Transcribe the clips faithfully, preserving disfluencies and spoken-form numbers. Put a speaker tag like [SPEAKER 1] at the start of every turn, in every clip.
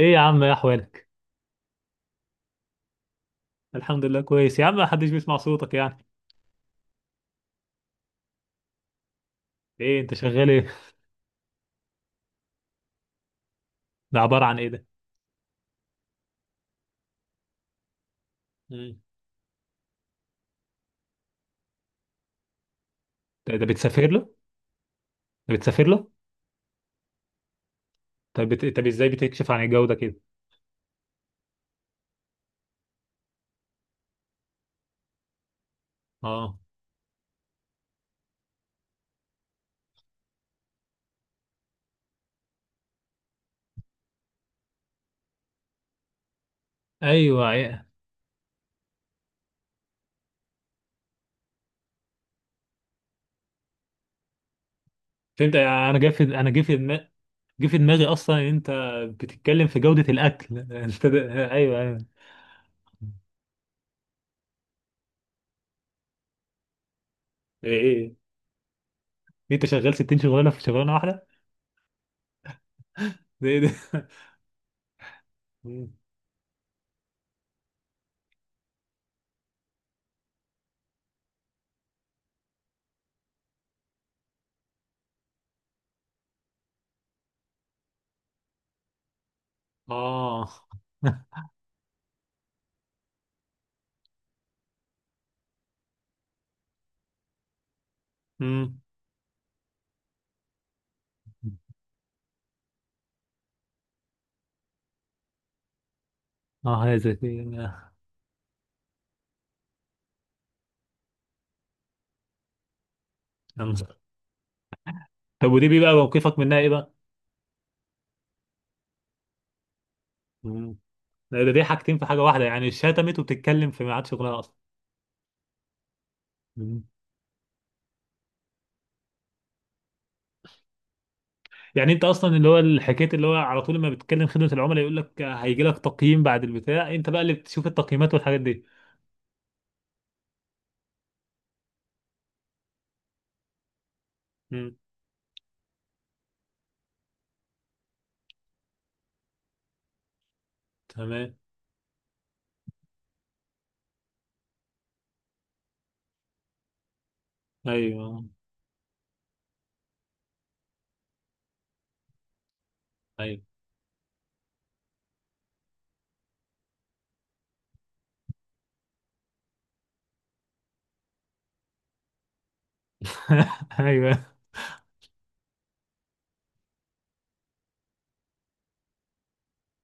[SPEAKER 1] ايه يا عم، ايه احوالك؟ الحمد لله كويس يا عم. ما حدش بيسمع صوتك يعني؟ ايه انت شغال ايه؟ ده عبارة عن ايه ده؟ مم. ده ده بتسافر له؟ ده بتسافر له؟ طب بت... طب ازاي بتكشف عن الجو ده كده؟ اه، ايوه، إيه. فهمت. انا جه في انا جه في دماغي جه في دماغي اصلا ان انت بتتكلم في جودة الاكل. انت ده... ايوه ايوه. ايه ايه إيه؟ انت شغال ستين شغلانة في شغلانة واحدة؟ ده ايه ده؟ مم. اه. مم. اه، هذا في- طب ودي بقى موقفك منها ايه؟ بقى ده ده دي حاجتين في حاجه واحده، يعني شتمت وبتتكلم في ميعاد شغلها اصلا. مم. يعني انت اصلا اللي هو الحكايه اللي هو على طول، لما بتتكلم خدمه العملاء يقول لك هيجي لك تقييم بعد البتاع. انت بقى اللي بتشوف التقييمات والحاجات دي؟ مم. تمام. ايوه ايوه. ايوه.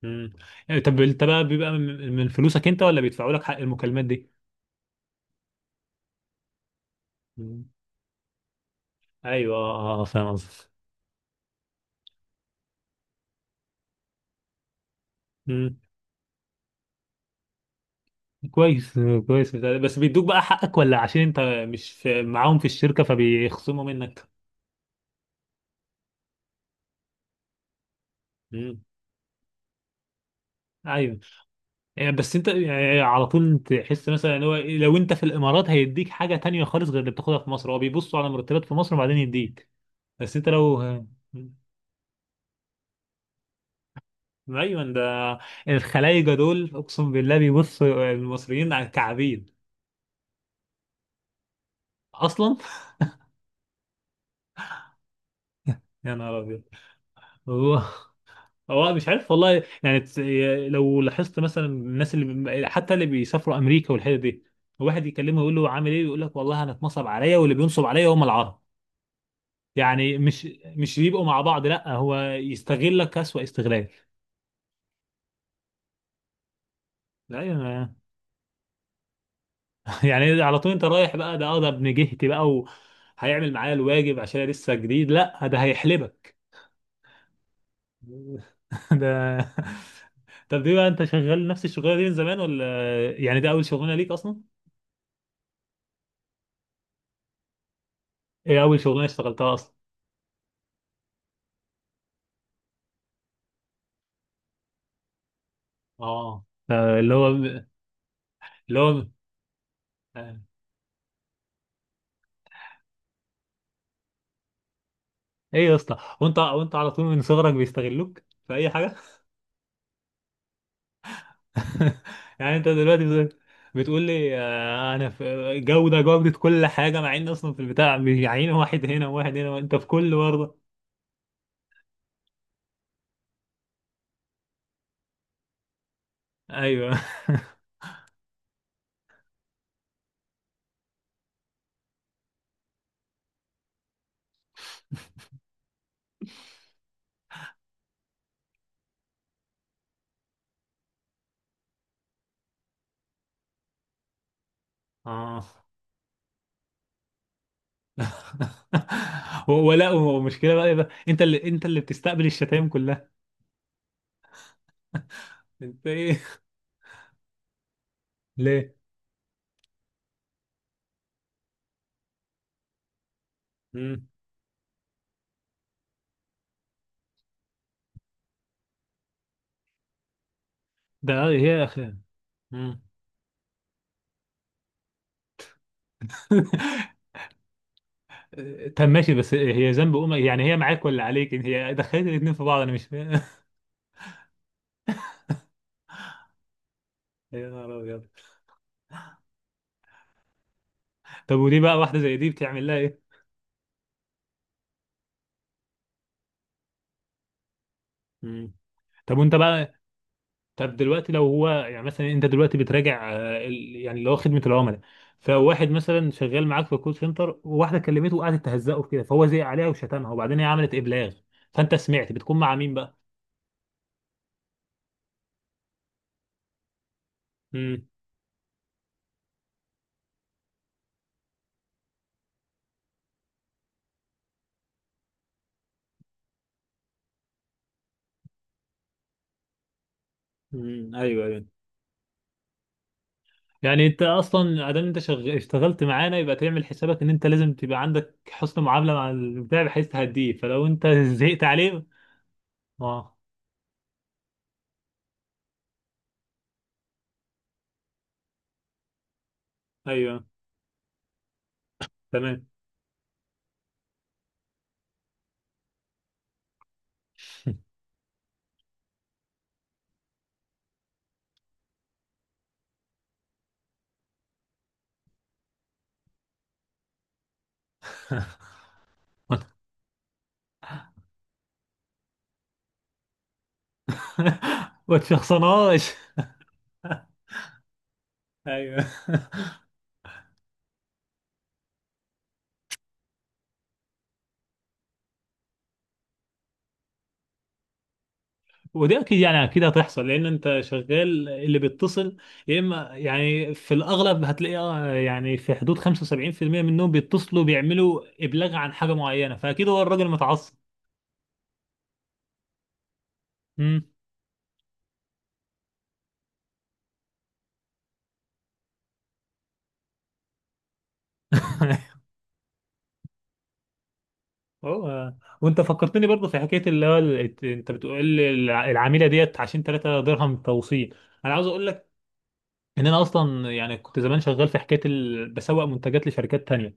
[SPEAKER 1] مم. يعني طب انت بقى بيبقى من من فلوسك انت، ولا بيدفعوا لك حق المكالمات دي؟ مم. ايوه، اه، آه، فاهم قصدك. مم. كويس، كويس. بس بيدوك بقى حقك، ولا عشان انت مش في معاهم في الشركه فبيخصموا منك؟ مم. ايوه، يعني بس انت يعني على طول تحس مثلا ان هو إيه، لو انت في الامارات هيديك حاجه تانية خالص غير اللي بتاخدها في مصر. هو بيبصوا على مرتبات في مصر وبعدين يديك. بس انت لو ايوه ده، الخلايجه دول اقسم بالله بيبصوا المصريين على كعبين اصلا. يا نهار ابيض. هو هو مش عارف والله، يعني تس- لو لاحظت مثلا الناس اللي حتى اللي بيسافروا امريكا والحته دي، واحد يكلمه يقول له عامل ايه، يقول لك والله انا اتنصب عليا واللي بينصب عليا هم العرب. يعني مش مش يبقوا مع بعض، لا، هو يستغلك أسوأ استغلال. لا يا- يعني على طول انت رايح بقى، ده اه ده ابن جهتي بقى وهيعمل معايا الواجب عشان أنا لسه جديد. لا، ده هيحلبك. ده طب دي بقى، انت شغال نفس الشغلانه دي من زمان ولا يعني ده اول شغلانه ليك اصلا؟ ايه اول شغلانه اشتغلتها اصلا؟ اه، آه، اللي هو اللي هو آه، ايه يا اسطى، وانت وانت على طول من صغرك بيستغلوك في اي حاجه؟ يعني انت دلوقتي بت- بتقول لي آه، انا في جوده، جوده كل حاجه، مع ان اصلا في البتاع بيعين واحد هنا وواحد هنا، وانت في كل برضه. ايوه. اه. ولا ومشكله بقى، إيه بقى؟ انت اللي انت اللي بتستقبل الشتايم كلها؟ انت ايه؟ ليه؟ مم. ده آه، هي اخي. مم. طب ماشي، بس هي ذنب امك؟ يعني هي معاك ولا عليك؟ هي دخلت الاتنين في بعض، انا مش فاهم. يا نهار ابيض. طب ودي بقى واحده زي دي بتعمل لها إيه؟ مم. طب وانت بقى، طب دلوقتي لو هو يعني مثلا انت دلوقتي بتراجع آه، ال- يعني اللي هو خدمه العملاء، فواحد مثلا شغال معاك في الكول سنتر وواحده كلمته وقعدت تهزقه في كده، فهو زعق عليها وشتمها وبعدين هي عملت ابلاغ، فانت سمعت بتكون مع مين بقى؟ امم. امم، ايوه ايوه. يعني انت اصلا ادام انت شغ... اشتغلت معانا، يبقى تعمل حسابك ان انت لازم تبقى عندك حسن معامله مع البتاع بحيث تهديه، فلو انت زهقت عليه. اه، ايوه، تمام. ما تشخصناش. ايوه. ودي اكيد يعني، اكيد هتحصل لان انت شغال اللي بيتصل، يا اما يعني في الاغلب هتلاقي آه، يعني في حدود خمسة وسبعين في المية منهم بيتصلوا بيعملوا ابلاغ عن حاجه معينه، فاكيد هو الراجل متعصب. امم. هو، وانت فكرتني برضه في حكايه اللي هو ال- انت بتقول لي الع- العميله ديت عشان تلاتة درهم توصيل. انا عاوز اقول ان انا اصلا يعني كنت زمان شغال في حكايه ال... بسوق منتجات لشركات تانية.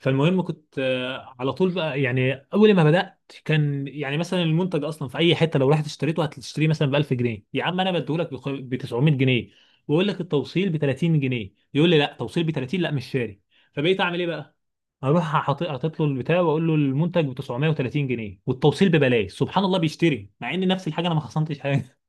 [SPEAKER 1] فالمهم كنت آه، على طول بقى يعني اول ما بدات كان يعني مثلا المنتج اصلا في اي حته لو رحت اشتريته هتشتريه مثلا ب ألف جنيه، يا عم انا بديهولك بخ- ب تسعمية جنيه، واقول لك التوصيل ب تلاتين جنيه. يقول لي لا، توصيل ب تلاتين لا، مش شاري. فبقيت اعمل ايه بقى، اروح حاط- حاطط له البتاع واقول له المنتج ب تسعمائة وثلاثين جنيه والتوصيل ببلاش، سبحان الله بيشتري، مع ان نفس الحاجه انا ما خصمتش حاجه.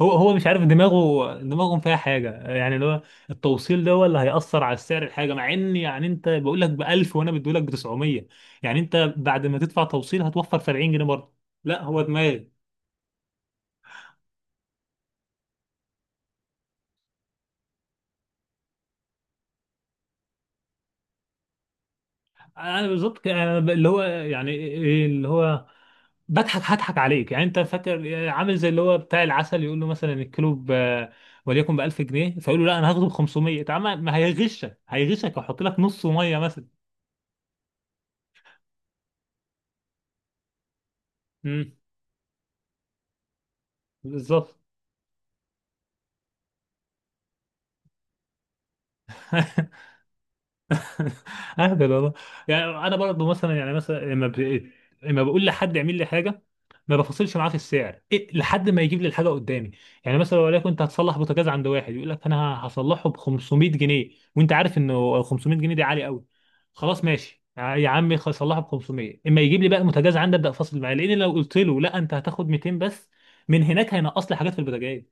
[SPEAKER 1] هو هو مش عارف دماغه، دماغهم فيها حاجه يعني، اللي هو التوصيل ده هو اللي هيأثر على سعر الحاجه، مع ان يعني انت بقول لك ب ألف وانا بدي لك ب تسعمية، يعني انت بعد ما تدفع توصيل هتوفر سبعين جنيه برضه. لا هو دماغي. انا بالظبط ك- أنا ب- اللي هو يعني إيه، إيه، اللي هو بضحك، هضحك عليك. يعني انت فاكر عامل زي اللي هو بتاع العسل، يقول له مثلا الكيلو ب وليكن ب ألف جنيه، فيقول له لا انا هاخده ب خمسمية. طب ما ما هيغشك، هيغشك ويحط لك نص ميه مثلا. امم. بالظبط. اهبل والله. يعني انا برضه مثلا يعني مثلا لما ب... لما بقول لحد يعمل لي حاجه ما بفاصلش معاه في السعر، إيه، لحد ما يجيب لي الحاجه قدامي. يعني مثلا لو وليكن انت هتصلح بوتاجاز عند واحد، يقول لك انا هصلحه ب خمسمائة جنيه، وانت عارف انه خمسمائة جنيه دي عالي قوي، خلاص ماشي يا عمي، خلاص صلحه ب خمسمائة. اما يجيب لي بقى البوتاجاز عندي ابدا افاصل معاه، لان لو قلت له لا، انت هتاخد ميتين بس، من هناك هينقص لي حاجات في البوتاجاز.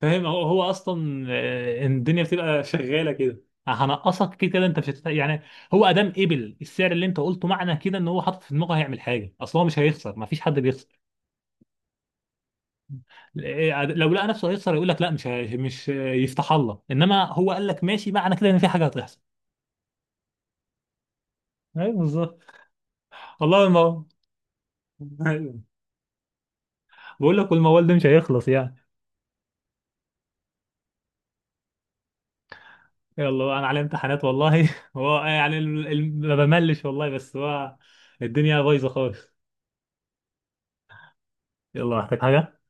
[SPEAKER 1] فاهم. هو هو اصلا آه، الدنيا بتبقى شغاله كده. هنقصك كده كده، انت مش هتت... يعني هو ادام قبل السعر اللي انت قلته، معنى كده ان هو حاطط في دماغه هيعمل حاجه، اصل هو مش هيخسر، ما فيش حد بيخسر. آه، لو لقى نفسه هيخسر يقول لك لا، مش هي... مش آه، يفتح الله. انما هو قال لك ماشي، معنى كده ان في حاجه هتحصل. ايوه بالظبط. والله الموال. أيوة. بقول لك، والموال ده مش هيخلص يعني. يلا انا علي امتحانات والله. هو يعني ال- ال- ما بملش والله، بس هو الدنيا بايظه خالص. يلا محتاج حاجه؟